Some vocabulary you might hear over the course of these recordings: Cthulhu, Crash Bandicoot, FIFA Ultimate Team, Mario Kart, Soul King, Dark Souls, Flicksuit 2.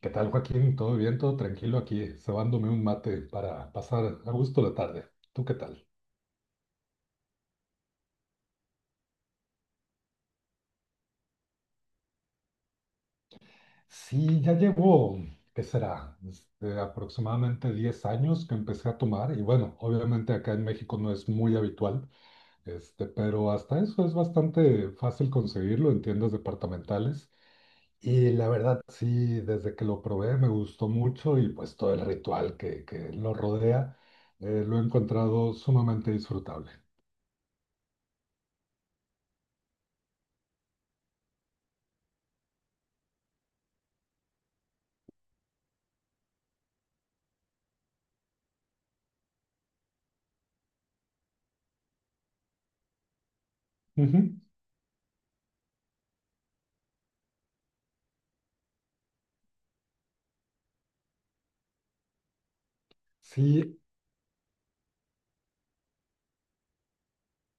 ¿Qué tal, Joaquín? ¿Todo bien? ¿Todo tranquilo aquí? Cebándome un mate para pasar a gusto la tarde. ¿Tú qué tal? Sí, ya llevo, ¿qué será? Aproximadamente 10 años que empecé a tomar. Y bueno, obviamente acá en México no es muy habitual, pero hasta eso es bastante fácil conseguirlo en tiendas departamentales. Y la verdad, sí, desde que lo probé me gustó mucho, y pues todo el ritual que lo rodea lo he encontrado sumamente disfrutable. Ujú. Sí,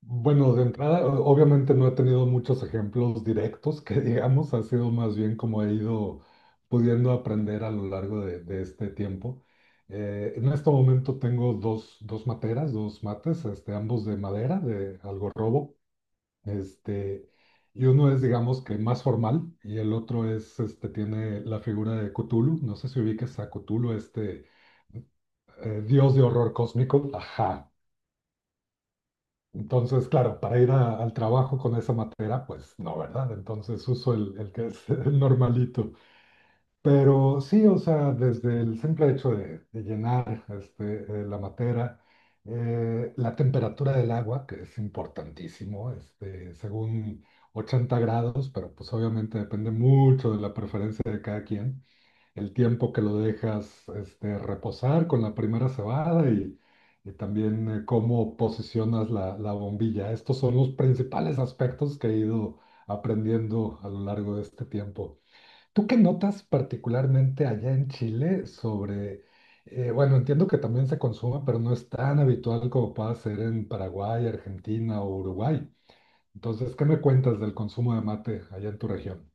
bueno, de entrada, obviamente no he tenido muchos ejemplos directos que, digamos, ha sido más bien como he ido pudiendo aprender a lo largo de este tiempo. En este momento tengo dos materas, dos mates, ambos de madera, de algarrobo. este, y uno es, digamos, que más formal, y el otro es, tiene la figura de Cthulhu, no sé si ubiques a Cthulhu, dios de horror cósmico, ajá. Entonces, claro, para ir al trabajo con esa materia, pues no, ¿verdad? Entonces uso el que es el normalito. Pero sí, o sea, desde el simple hecho de llenar la materia, la temperatura del agua, que es importantísimo, según 80 grados, pero pues obviamente depende mucho de la preferencia de cada quien, el tiempo que lo dejas reposar con la primera cebada, y también cómo posicionas la, la bombilla. Estos son los principales aspectos que he ido aprendiendo a lo largo de este tiempo. ¿Tú qué notas particularmente allá en Chile sobre, bueno, entiendo que también se consuma, pero no es tan habitual como pueda ser en Paraguay, Argentina o Uruguay? Entonces, ¿qué me cuentas del consumo de mate allá en tu región?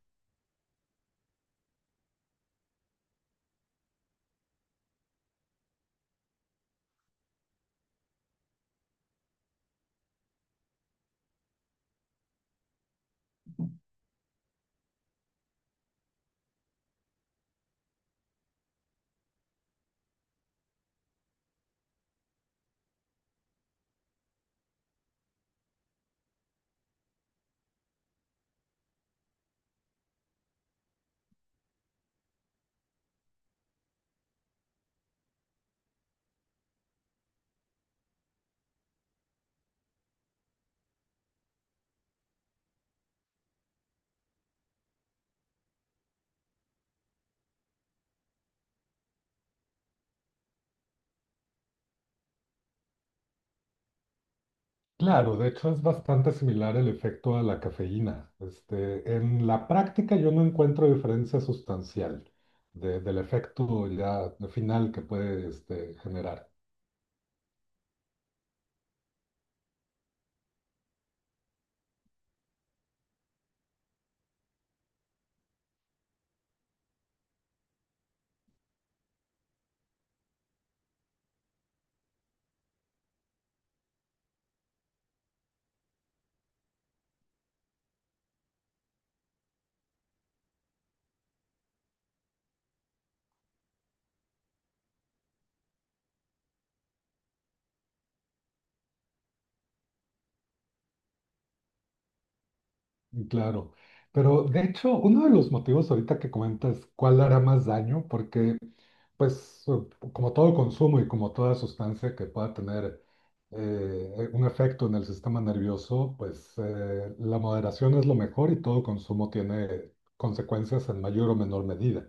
Claro, de hecho es bastante similar el efecto a la cafeína. En la práctica yo no encuentro diferencia sustancial del efecto ya final que puede generar. Claro, pero de hecho uno de los motivos ahorita que comentas, cuál hará más daño, porque pues como todo consumo y como toda sustancia que pueda tener un efecto en el sistema nervioso, pues la moderación es lo mejor, y todo consumo tiene consecuencias en mayor o menor medida.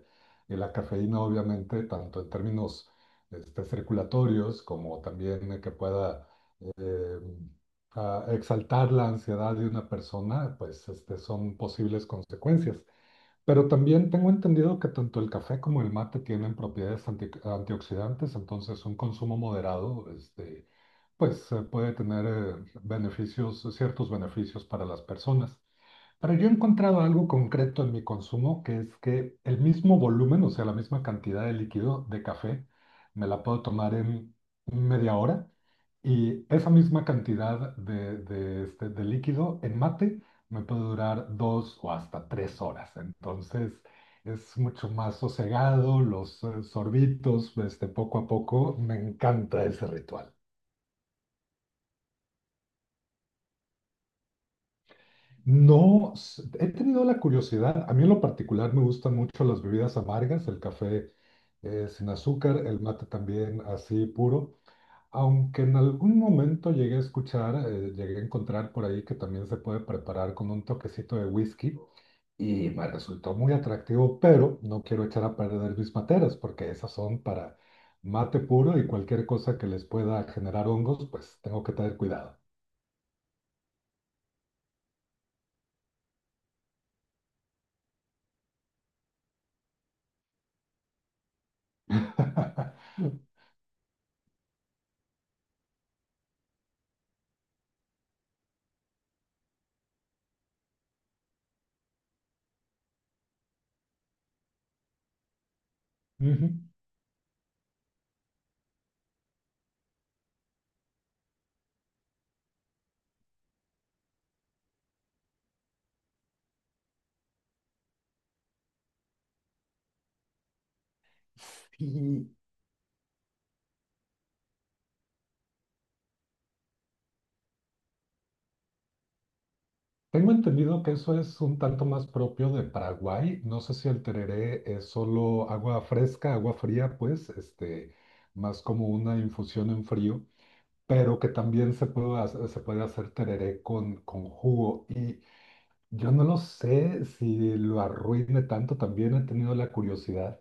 Y la cafeína, obviamente, tanto en términos circulatorios como también que pueda eh, exaltar la ansiedad de una persona, pues son posibles consecuencias. Pero también tengo entendido que tanto el café como el mate tienen propiedades antioxidantes. Entonces un consumo moderado, pues puede tener beneficios, ciertos beneficios para las personas. Pero yo he encontrado algo concreto en mi consumo, que es que el mismo volumen, o sea, la misma cantidad de líquido de café, me la puedo tomar en media hora, y esa misma cantidad de, de líquido en mate me puede durar 2 o hasta 3 horas. Entonces es mucho más sosegado, los sorbitos, poco a poco. Me encanta ese ritual. No, he tenido la curiosidad. A mí en lo particular me gustan mucho las bebidas amargas, el café sin azúcar, el mate también así puro. Aunque en algún momento llegué a escuchar, llegué a encontrar por ahí que también se puede preparar con un toquecito de whisky, y me resultó muy atractivo, pero no quiero echar a perder mis materas, porque esas son para mate puro, y cualquier cosa que les pueda generar hongos, pues tengo que tener cuidado. Ujú. Sí, tengo entendido que eso es un tanto más propio de Paraguay. No sé, si el tereré es solo agua fresca, agua fría, pues, más como una infusión en frío, pero que también se puede hacer tereré con jugo. Y yo no lo sé si lo arruine tanto. También he tenido la curiosidad,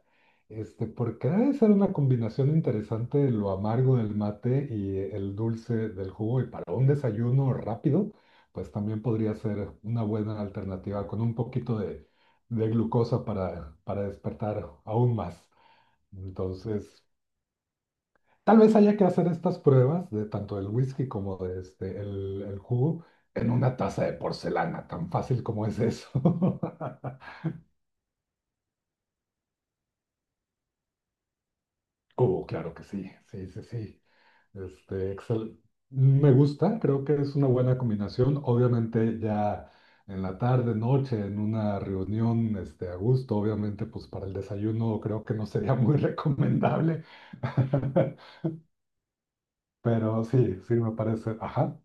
porque debe ser una combinación interesante de lo amargo del mate y el dulce del jugo, y para un desayuno rápido pues también podría ser una buena alternativa con un poquito de glucosa para despertar aún más. Entonces, tal vez haya que hacer estas pruebas, de tanto del whisky como de el jugo, en una taza de porcelana, tan fácil como es eso. Cubo, claro que sí, sí, sí, sí. Este, excel- Me gusta, creo que es una buena combinación. Obviamente ya en la tarde, noche, en una reunión a gusto, obviamente pues para el desayuno creo que no sería muy recomendable. Pero sí, sí me parece. Ajá,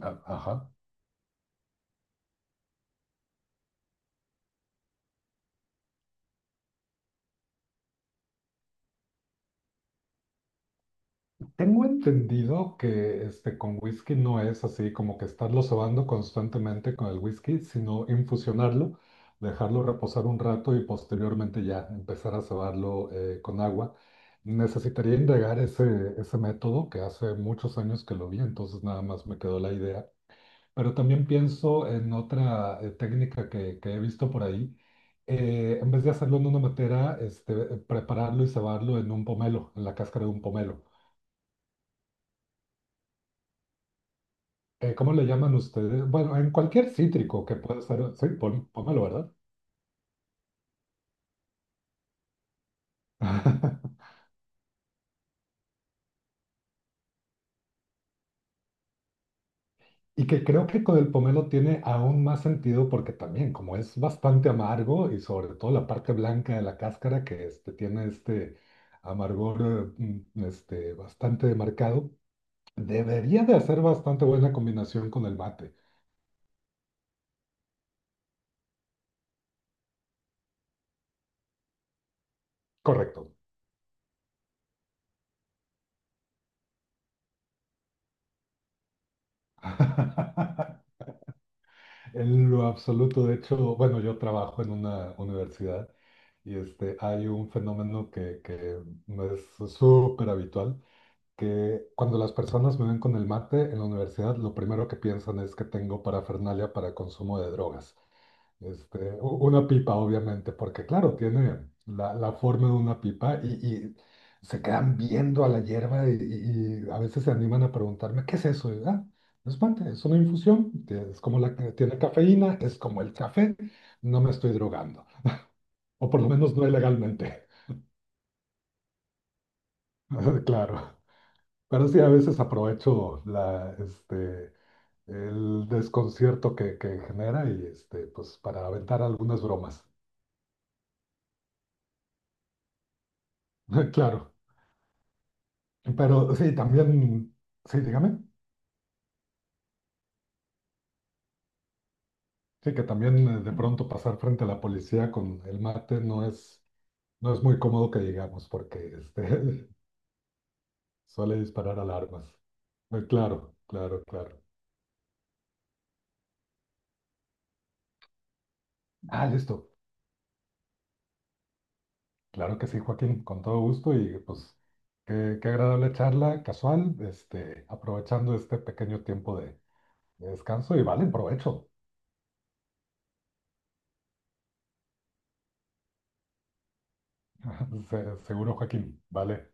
ajá. Tengo entendido que con whisky no es así como que estarlo sobando constantemente con el whisky, sino infusionarlo, dejarlo reposar un rato, y posteriormente ya empezar a cebarlo con agua. Necesitaría indagar ese, ese método, que hace muchos años que lo vi, entonces nada más me quedó la idea. Pero también pienso en otra técnica que he visto por ahí. En vez de hacerlo en una matera, prepararlo y cebarlo en un pomelo, en la cáscara de un pomelo. ¿ ¿cómo le llaman ustedes? Bueno, en cualquier cítrico que pueda ser, sí, pomelo, ¿verdad? Y que creo que con el pomelo tiene aún más sentido, porque también, como es bastante amargo, y sobre todo la parte blanca de la cáscara que tiene este amargor bastante marcado, debería de hacer bastante buena combinación con el mate. Correcto. En lo absoluto. De hecho, bueno, yo trabajo en una universidad, y hay un fenómeno que no es súper habitual, que cuando las personas me ven con el mate en la universidad, lo primero que piensan es que tengo parafernalia para consumo de drogas. Una pipa, obviamente, porque claro, tiene la, la forma de una pipa, y se quedan viendo a la hierba, y a veces se animan a preguntarme, ¿qué es eso? Y, "Ah, no es mate, es una infusión, es como la que tiene cafeína, es como el café, no me estoy drogando, o por lo menos no ilegalmente". Claro. Pero sí, a veces aprovecho el desconcierto que genera, y pues para aventar algunas bromas. Claro. Pero sí, también, sí, dígame. Sí, que también de pronto pasar frente a la policía con el mate no es muy cómodo que digamos, porque suele disparar alarmas. Claro, claro, claro. Ah, listo. Claro que sí, Joaquín, con todo gusto, y pues qué agradable charla casual, aprovechando este pequeño tiempo de descanso, y vale, provecho. Seguro, Joaquín, vale.